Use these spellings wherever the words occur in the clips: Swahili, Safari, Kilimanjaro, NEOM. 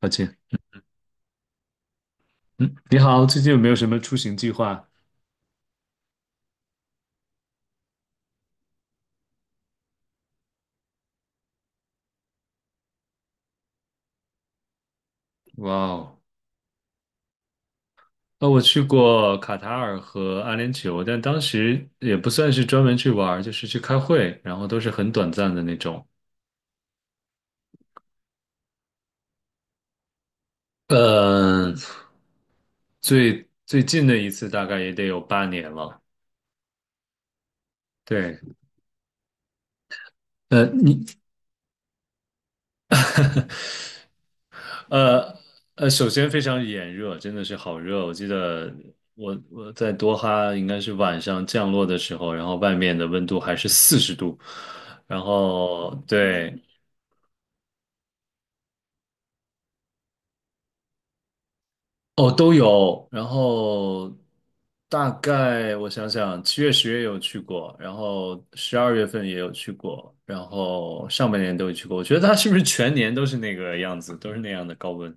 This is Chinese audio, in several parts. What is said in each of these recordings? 抱歉，嗯，你好，最近有没有什么出行计划？哇哦，我去过卡塔尔和阿联酋，但当时也不算是专门去玩儿，就是去开会，然后都是很短暂的那种。呃，最近的一次大概也得有8年了。对。呃，你，呃，首先非常炎热，真的是好热。我记得我在多哈应该是晚上降落的时候，然后外面的温度还是40度，然后对。哦，都有。然后大概我想想，七月、十月有去过，然后十二月份也有去过，然后上半年都有去过。我觉得它是不是全年都是那个样子，都是那样的高温？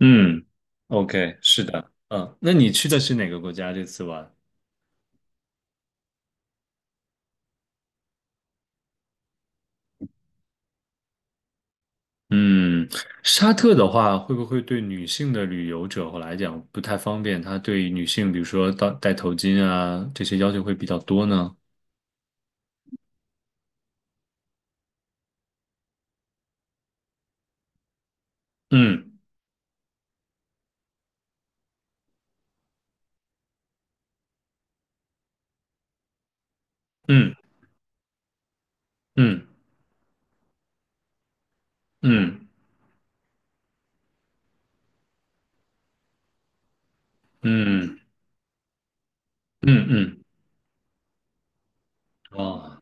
嗯，OK，是的，嗯，那你去的是哪个国家这次玩？嗯，沙特的话，会不会对女性的旅游者来讲不太方便？它对女性，比如说到戴头巾啊，这些要求会比较多呢？嗯嗯嗯嗯。嗯嗯嗯，哦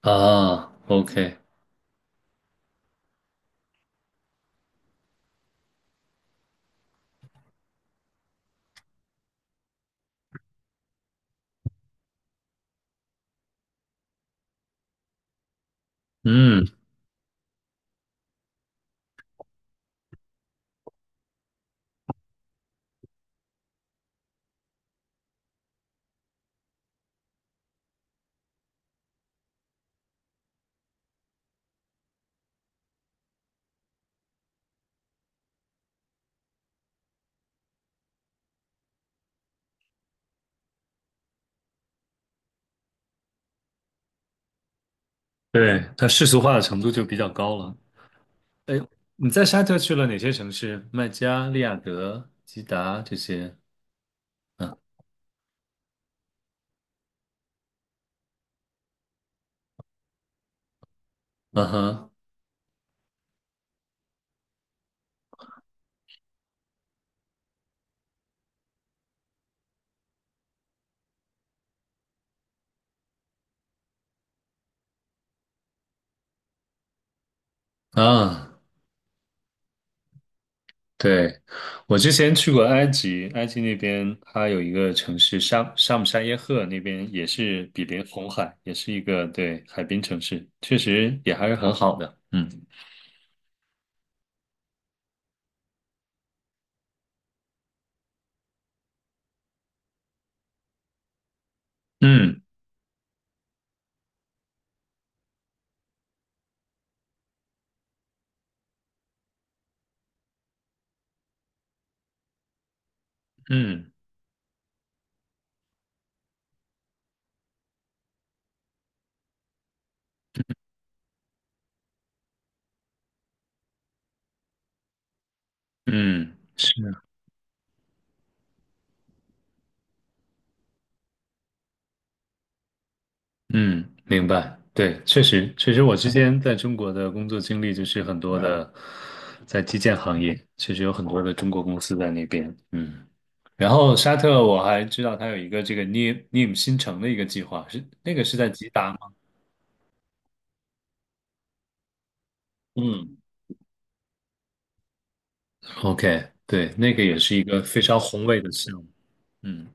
啊，OK，嗯。对，它世俗化的程度就比较高了。哎，你在沙特去了哪些城市？麦加、利雅得、吉达这些？嗯嗯哼啊。对，我之前去过埃及，埃及那边它有一个城市沙沙姆沙耶赫，那边也是比邻红海，也是一个对海滨城市，确实也还是很好的。嗯嗯嗯嗯，是。嗯，明白。对，确实，确实，我之前在中国的工作经历就是很多的，在基建行业，确实有很多的中国公司在那边。嗯，然后沙特我还知道它有一个这个 n e o NEOM 新城的一个计划，是那个是在吉达吗？嗯，OK，对，那个也是一个非常宏伟的项目。嗯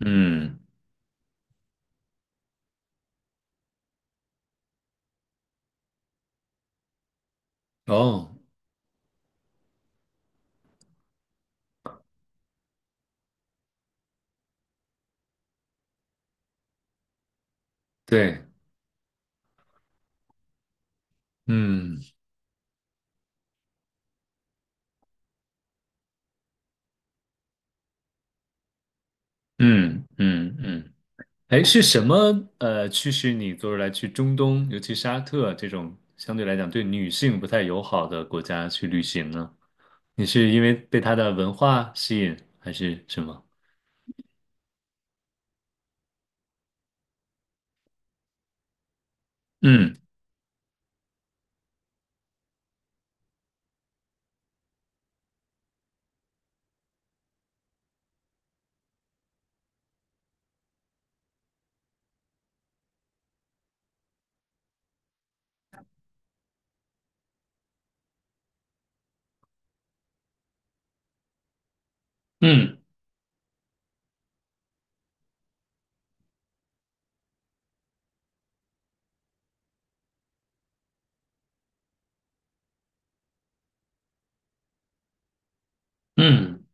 嗯，哦，对，嗯嗯嗯嗯。哎，是什么驱使你做出来去中东，尤其沙特这种相对来讲对女性不太友好的国家去旅行呢？你是因为被它的文化吸引，还是什么？嗯嗯嗯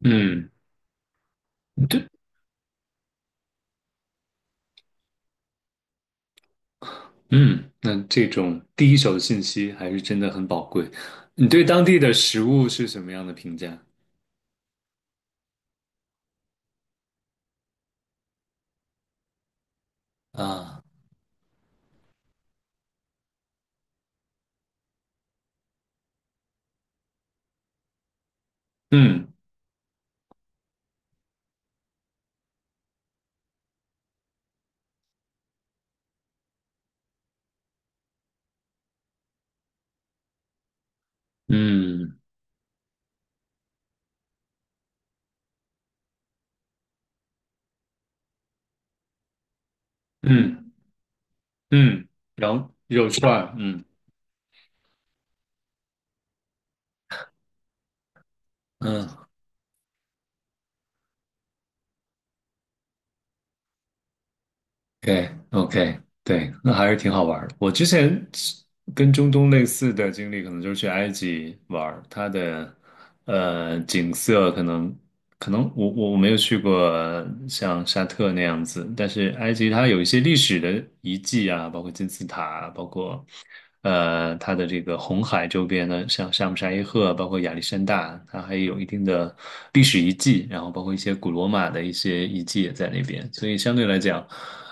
嗯，对。嗯，那这种第一手的信息还是真的很宝贵。你对当地的食物是什么样的评价？啊？嗯嗯嗯嗯，然后肉串儿嗯嗯。OK OK，对，那还是挺好玩儿的。我之前跟中东类似的经历，可能就是去埃及玩儿。它的景色可能，我没有去过像沙特那样子，但是埃及它有一些历史的遗迹啊，包括金字塔啊，包括它的这个红海周边的，像沙姆沙伊赫啊，包括亚历山大，它还有一定的历史遗迹，然后包括一些古罗马的一些遗迹也在那边，所以相对来讲，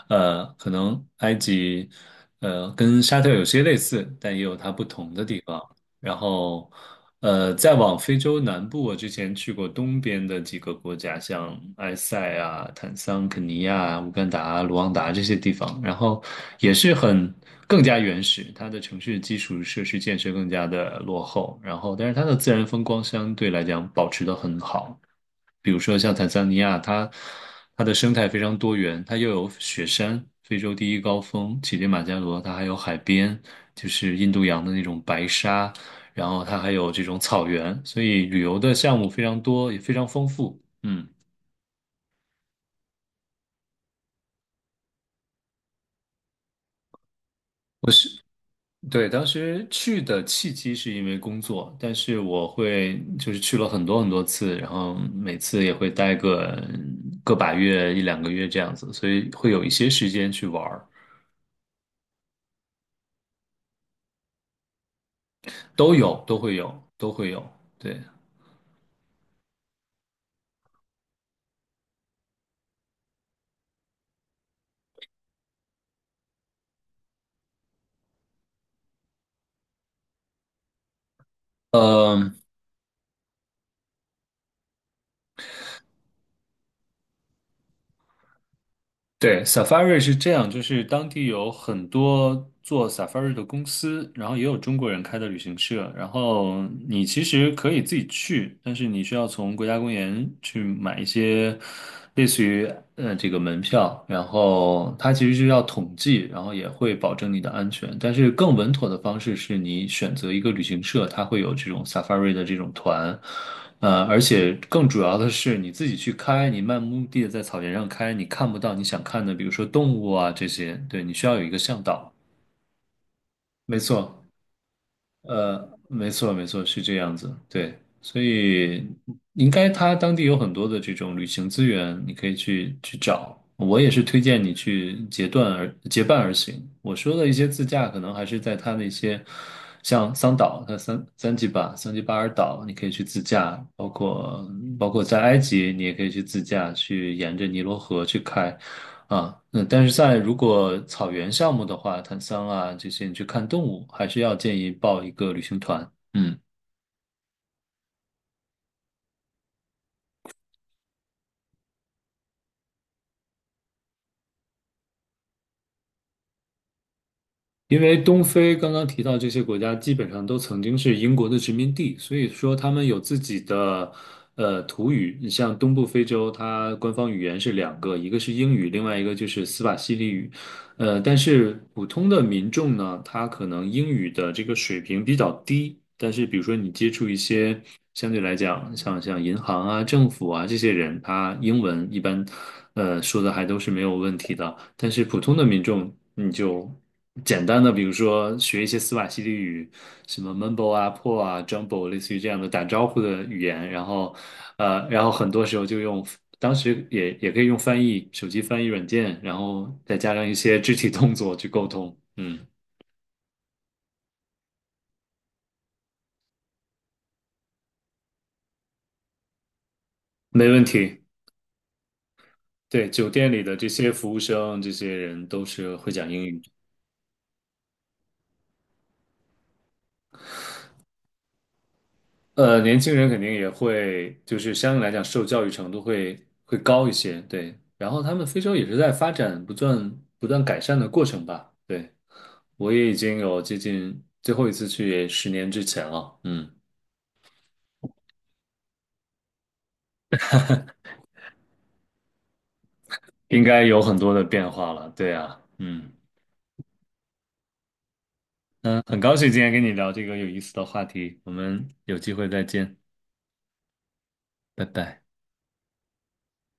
可能埃及，跟沙特有些类似，但也有它不同的地方。然后，再往非洲南部，我之前去过东边的几个国家，像埃塞啊、坦桑、肯尼亚、乌干达、卢旺达这些地方，然后也是很更加原始，它的城市基础设施建设更加的落后，然后但是它的自然风光相对来讲保持得很好。比如说像坦桑尼亚，它的生态非常多元，它又有雪山，非洲第一高峰乞力马扎罗，它还有海边，就是印度洋的那种白沙，然后它还有这种草原，所以旅游的项目非常多，也非常丰富。嗯，我是，对，当时去的契机是因为工作，但是我会就是去了很多很多次，然后每次也会待个个把月一两个月这样子，所以会有一些时间去玩儿。都有，都会有，都会有，对。嗯。对，Safari 是这样，就是当地有很多做 Safari 的公司，然后也有中国人开的旅行社，然后你其实可以自己去，但是你需要从国家公园去买一些类似于这个门票，然后它其实是要统计，然后也会保证你的安全，但是更稳妥的方式是你选择一个旅行社，它会有这种 Safari 的这种团。而且更主要的是，你自己去开，你漫无目的的在草原上开，你看不到你想看的，比如说动物啊这些，对，你需要有一个向导。没错。没错，没错，是这样子，对，所以应该他当地有很多的这种旅行资源，你可以去找。我也是推荐你去结段而结伴而行。我说的一些自驾，可能还是在它那些像桑岛，它三吉巴、桑吉巴尔岛，你可以去自驾，包括在埃及，你也可以去自驾，去沿着尼罗河去开。啊，嗯，但是在如果草原项目的话，坦桑啊这些，你去看动物，还是要建议报一个旅行团。嗯。因为东非刚刚提到这些国家，基本上都曾经是英国的殖民地，所以说他们有自己的土语。你像东部非洲，它官方语言是两个，一个是英语，另外一个就是斯瓦希里语。但是普通的民众呢，他可能英语的这个水平比较低，但是比如说你接触一些相对来讲，像银行啊、政府啊这些人，他英文一般说的还都是没有问题的。但是普通的民众，你就简单的，比如说学一些斯瓦希里语，什么 Mumbo 啊、Po 啊、Jumbo，类似于这样的打招呼的语言，然后，然后很多时候就用，当时也可以用翻译，手机翻译软件，然后再加上一些肢体动作去沟通，嗯，没问题。对，酒店里的这些服务生，这些人都是会讲英语。年轻人肯定也会，就是相对来讲受教育程度会高一些，对。然后他们非洲也是在发展不断改善的过程吧，对。我也已经有接近最后一次去也10年之前了，嗯，应该有很多的变化了，对啊，嗯嗯，很高兴今天跟你聊这个有意思的话题，我们有机会再见，拜拜。